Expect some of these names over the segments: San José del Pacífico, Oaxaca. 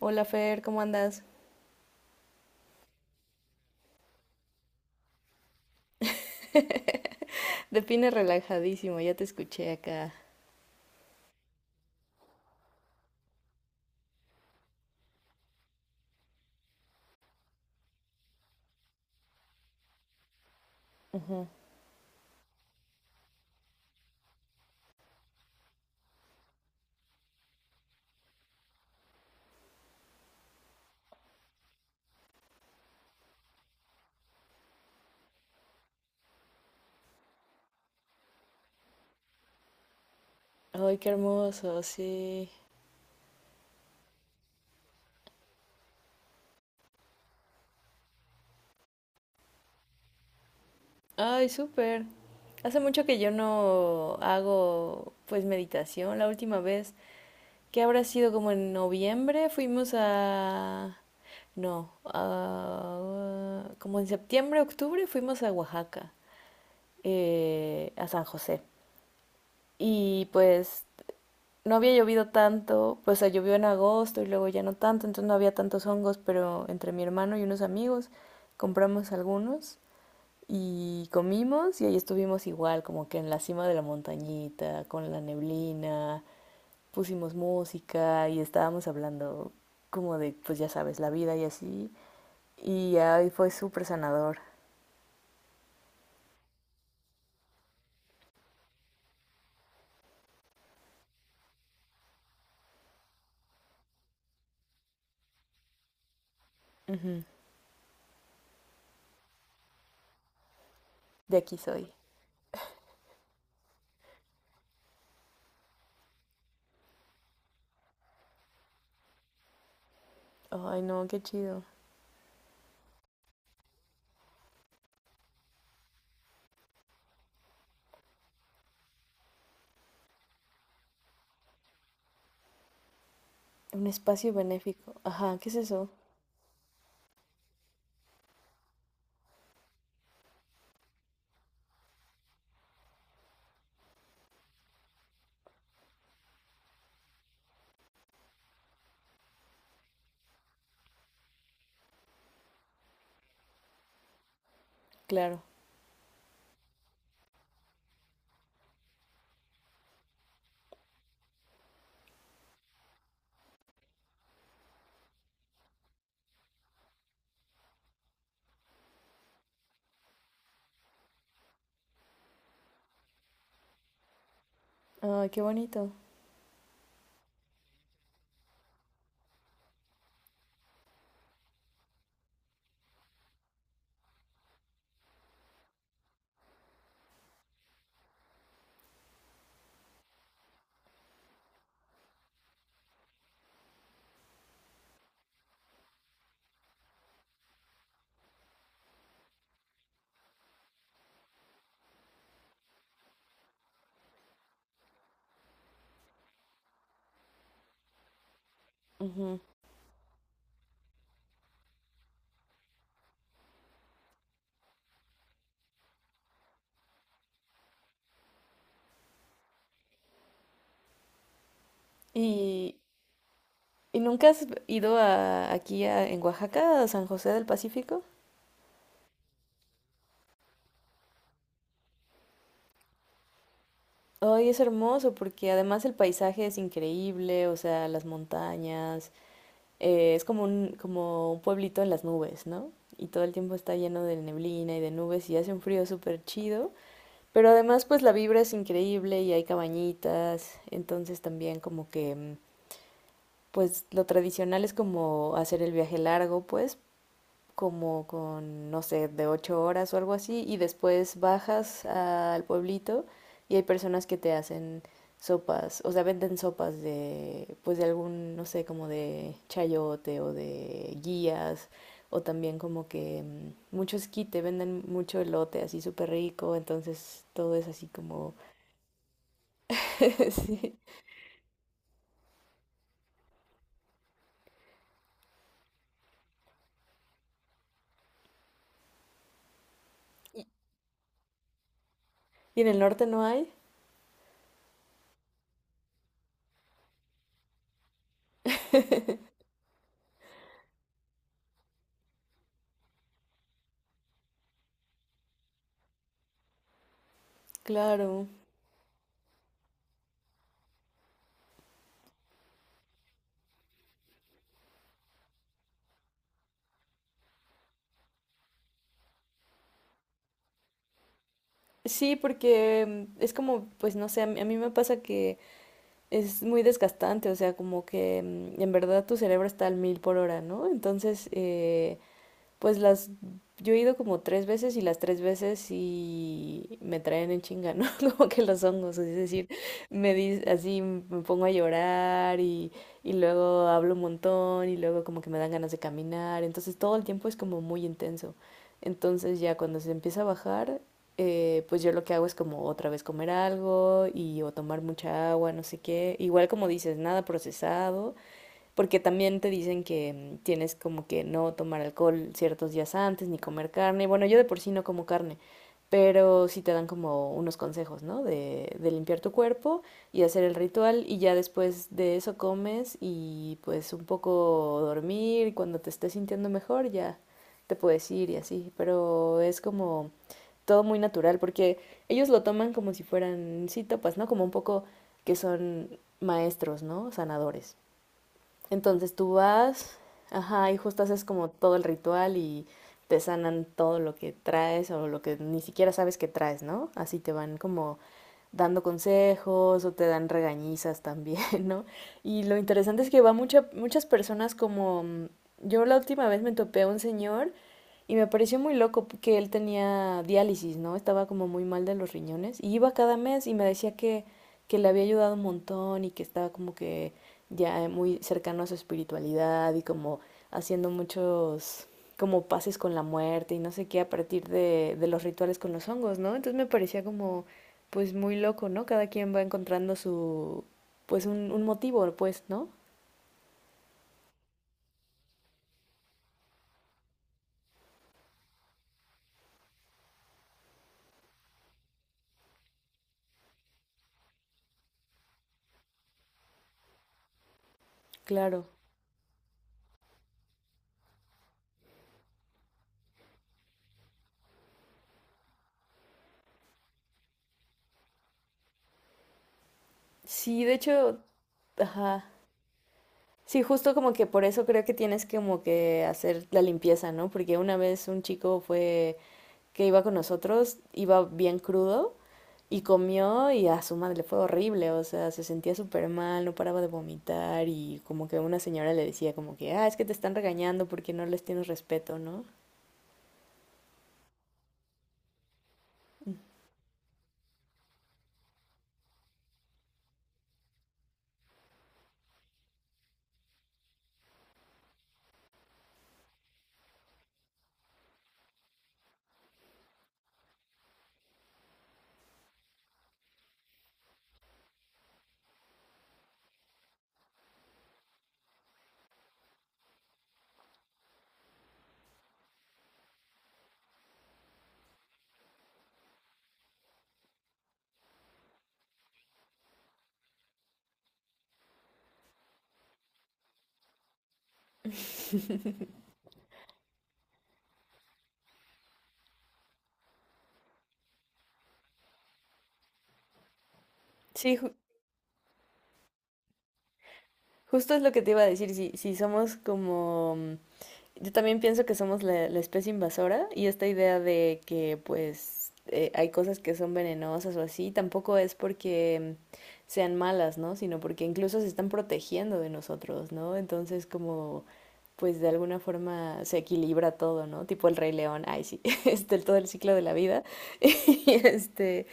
Hola Fer, ¿cómo andas? De Pine relajadísimo, ya te escuché acá. Ujú. Ay, qué hermoso, sí. Ay, súper. Hace mucho que yo no hago pues meditación. La última vez que habrá sido como en noviembre fuimos a... No, como en septiembre, octubre fuimos a Oaxaca, a San José. Y pues no había llovido tanto, pues o sea, llovió en agosto y luego ya no tanto, entonces no había tantos hongos, pero entre mi hermano y unos amigos compramos algunos y comimos y ahí estuvimos igual, como que en la cima de la montañita, con la neblina, pusimos música y estábamos hablando como de, pues ya sabes, la vida y así. Y ahí fue súper sanador. Ujú. De aquí soy. Ay, no, qué chido. Un espacio benéfico. Ajá, ¿qué es eso? Claro. Ay, qué bonito. Ujú. ¿Y, y nunca has ido a, aquí en Oaxaca, a San José del Pacífico? Ay, es hermoso porque además el paisaje es increíble, o sea, las montañas, es como un pueblito en las nubes, ¿no? Y todo el tiempo está lleno de neblina y de nubes y hace un frío súper chido. Pero además, pues la vibra es increíble y hay cabañitas, entonces también como que, pues lo tradicional es como hacer el viaje largo, pues, como con, no sé, de 8 horas o algo así, y después bajas al pueblito y hay personas que te hacen sopas, o sea, venden sopas de, pues de algún, no sé, como de chayote o de guías, o también como que mucho esquite, venden mucho elote así súper rico, entonces todo es así como... Sí. ¿Y en el norte no hay? Claro. Sí, porque es como, pues no sé, a mí me pasa que es muy desgastante, o sea, como que en verdad tu cerebro está al mil por hora, ¿no? Entonces, pues las, yo he ido como 3 veces y las 3 veces y me traen en chinga, ¿no? Como que los hongos, es decir, así me pongo a llorar y luego hablo un montón y luego como que me dan ganas de caminar, entonces todo el tiempo es como muy intenso. Entonces ya cuando se empieza a bajar, pues yo lo que hago es como otra vez comer algo y o tomar mucha agua, no sé qué. Igual como dices, nada procesado porque también te dicen que tienes como que no tomar alcohol ciertos días antes, ni comer carne. Bueno, yo de por sí no como carne, pero sí te dan como unos consejos, ¿no? De limpiar tu cuerpo y hacer el ritual y ya después de eso comes y pues un poco dormir y cuando te estés sintiendo mejor ya te puedes ir y así, pero es como todo muy natural porque ellos lo toman como si fueran sí topas, ¿no? Como un poco que son maestros, ¿no? Sanadores. Entonces tú vas, ajá, y justo haces como todo el ritual y te sanan todo lo que traes o lo que ni siquiera sabes que traes, ¿no? Así te van como dando consejos o te dan regañizas también, ¿no? Y lo interesante es que va mucha, muchas personas como... mm, yo la última vez me topé a un señor y me pareció muy loco que él tenía diálisis, ¿no? Estaba como muy mal de los riñones y iba cada mes y me decía que le había ayudado un montón y que estaba como que ya muy cercano a su espiritualidad y como haciendo muchos como pases con la muerte y no sé qué a partir de los rituales con los hongos, ¿no? Entonces me parecía como pues muy loco, ¿no? Cada quien va encontrando su pues un motivo, pues, ¿no? Claro. Sí, de hecho, ajá. Sí, justo como que por eso creo que tienes como que hacer la limpieza, ¿no? Porque una vez un chico fue que iba con nosotros, iba bien crudo y comió y a su madre le fue horrible, o sea, se sentía súper mal, no paraba de vomitar y como que una señora le decía como que, ah, es que te están regañando porque no les tienes respeto, ¿no? Sí, ju- justo es lo que te iba a decir, si somos como mm, yo también pienso que somos la, la especie invasora y esta idea de que pues hay cosas que son venenosas o así, tampoco es porque sean malas, ¿no? Sino porque incluso se están protegiendo de nosotros, ¿no? Entonces como pues de alguna forma se equilibra todo, ¿no? Tipo el Rey León, ay sí, este, todo el ciclo de la vida y este,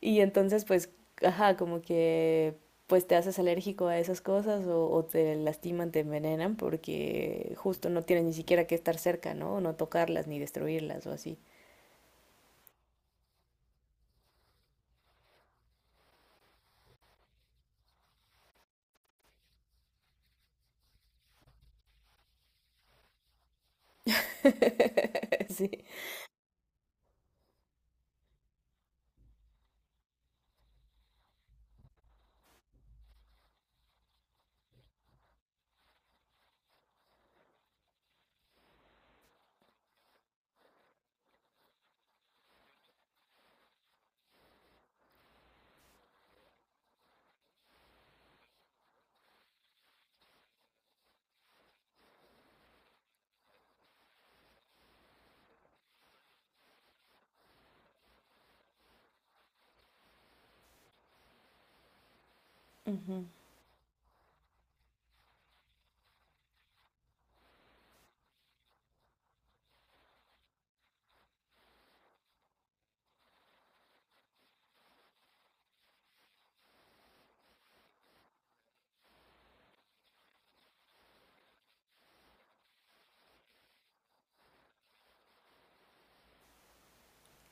y entonces pues, ajá, como que pues te haces alérgico a esas cosas o te lastiman, te envenenan porque justo no tienes ni siquiera que estar cerca, ¿no? No tocarlas ni destruirlas o así. Sí. Ujú.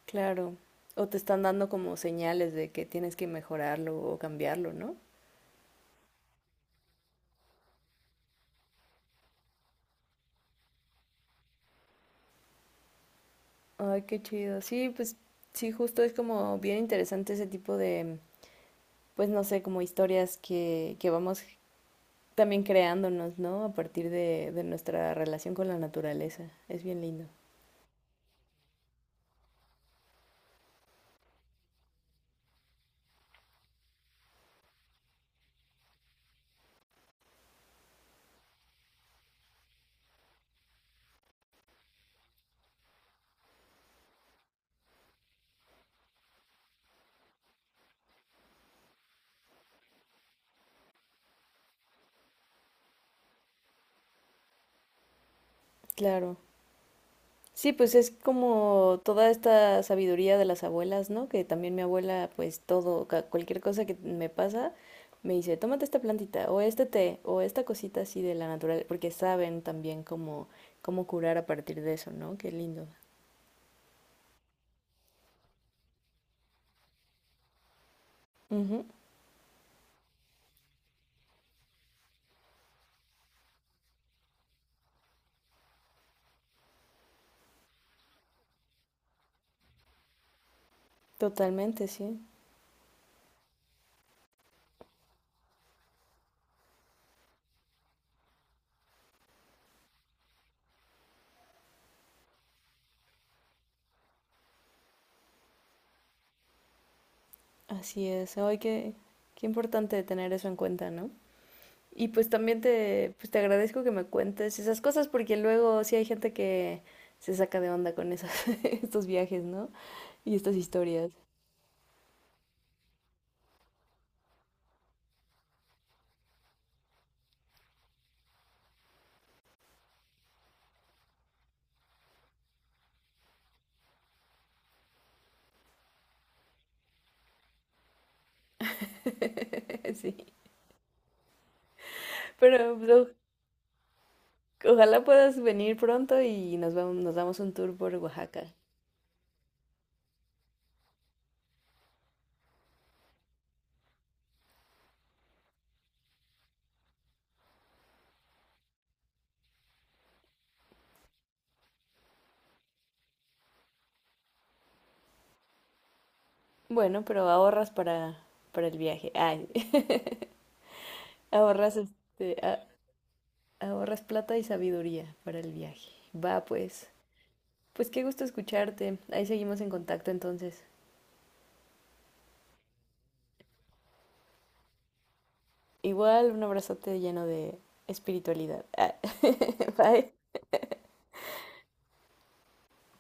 Claro. O te están dando como señales de que tienes que mejorarlo o cambiarlo, ¿no? Ay, qué chido. Sí, pues sí, justo es como bien interesante ese tipo de, pues no sé, como historias que vamos también creándonos, ¿no? A partir de nuestra relación con la naturaleza. Es bien lindo. Claro. Sí, pues es como toda esta sabiduría de las abuelas, ¿no? Que también mi abuela, pues todo, cualquier cosa que me pasa, me dice, tómate esta plantita, o este té, o esta cosita así de la natural, porque saben también cómo, cómo curar a partir de eso, ¿no? Qué lindo. Ujú. Totalmente, sí. Así es. Ay, qué importante tener eso en cuenta, ¿no? Y pues también te, pues te agradezco que me cuentes esas cosas porque luego sí hay gente que se saca de onda con esos, estos viajes, ¿no? Y estas historias. Sí. Pero pues, ojalá puedas venir pronto y nos vamos, nos damos un tour por Oaxaca. Bueno, pero ahorras para el viaje. Ay, ahorras este, ahorras plata y sabiduría para el viaje. Va pues. Pues qué gusto escucharte. Ahí seguimos en contacto entonces. Igual un abrazote lleno de espiritualidad. Ah. Bye.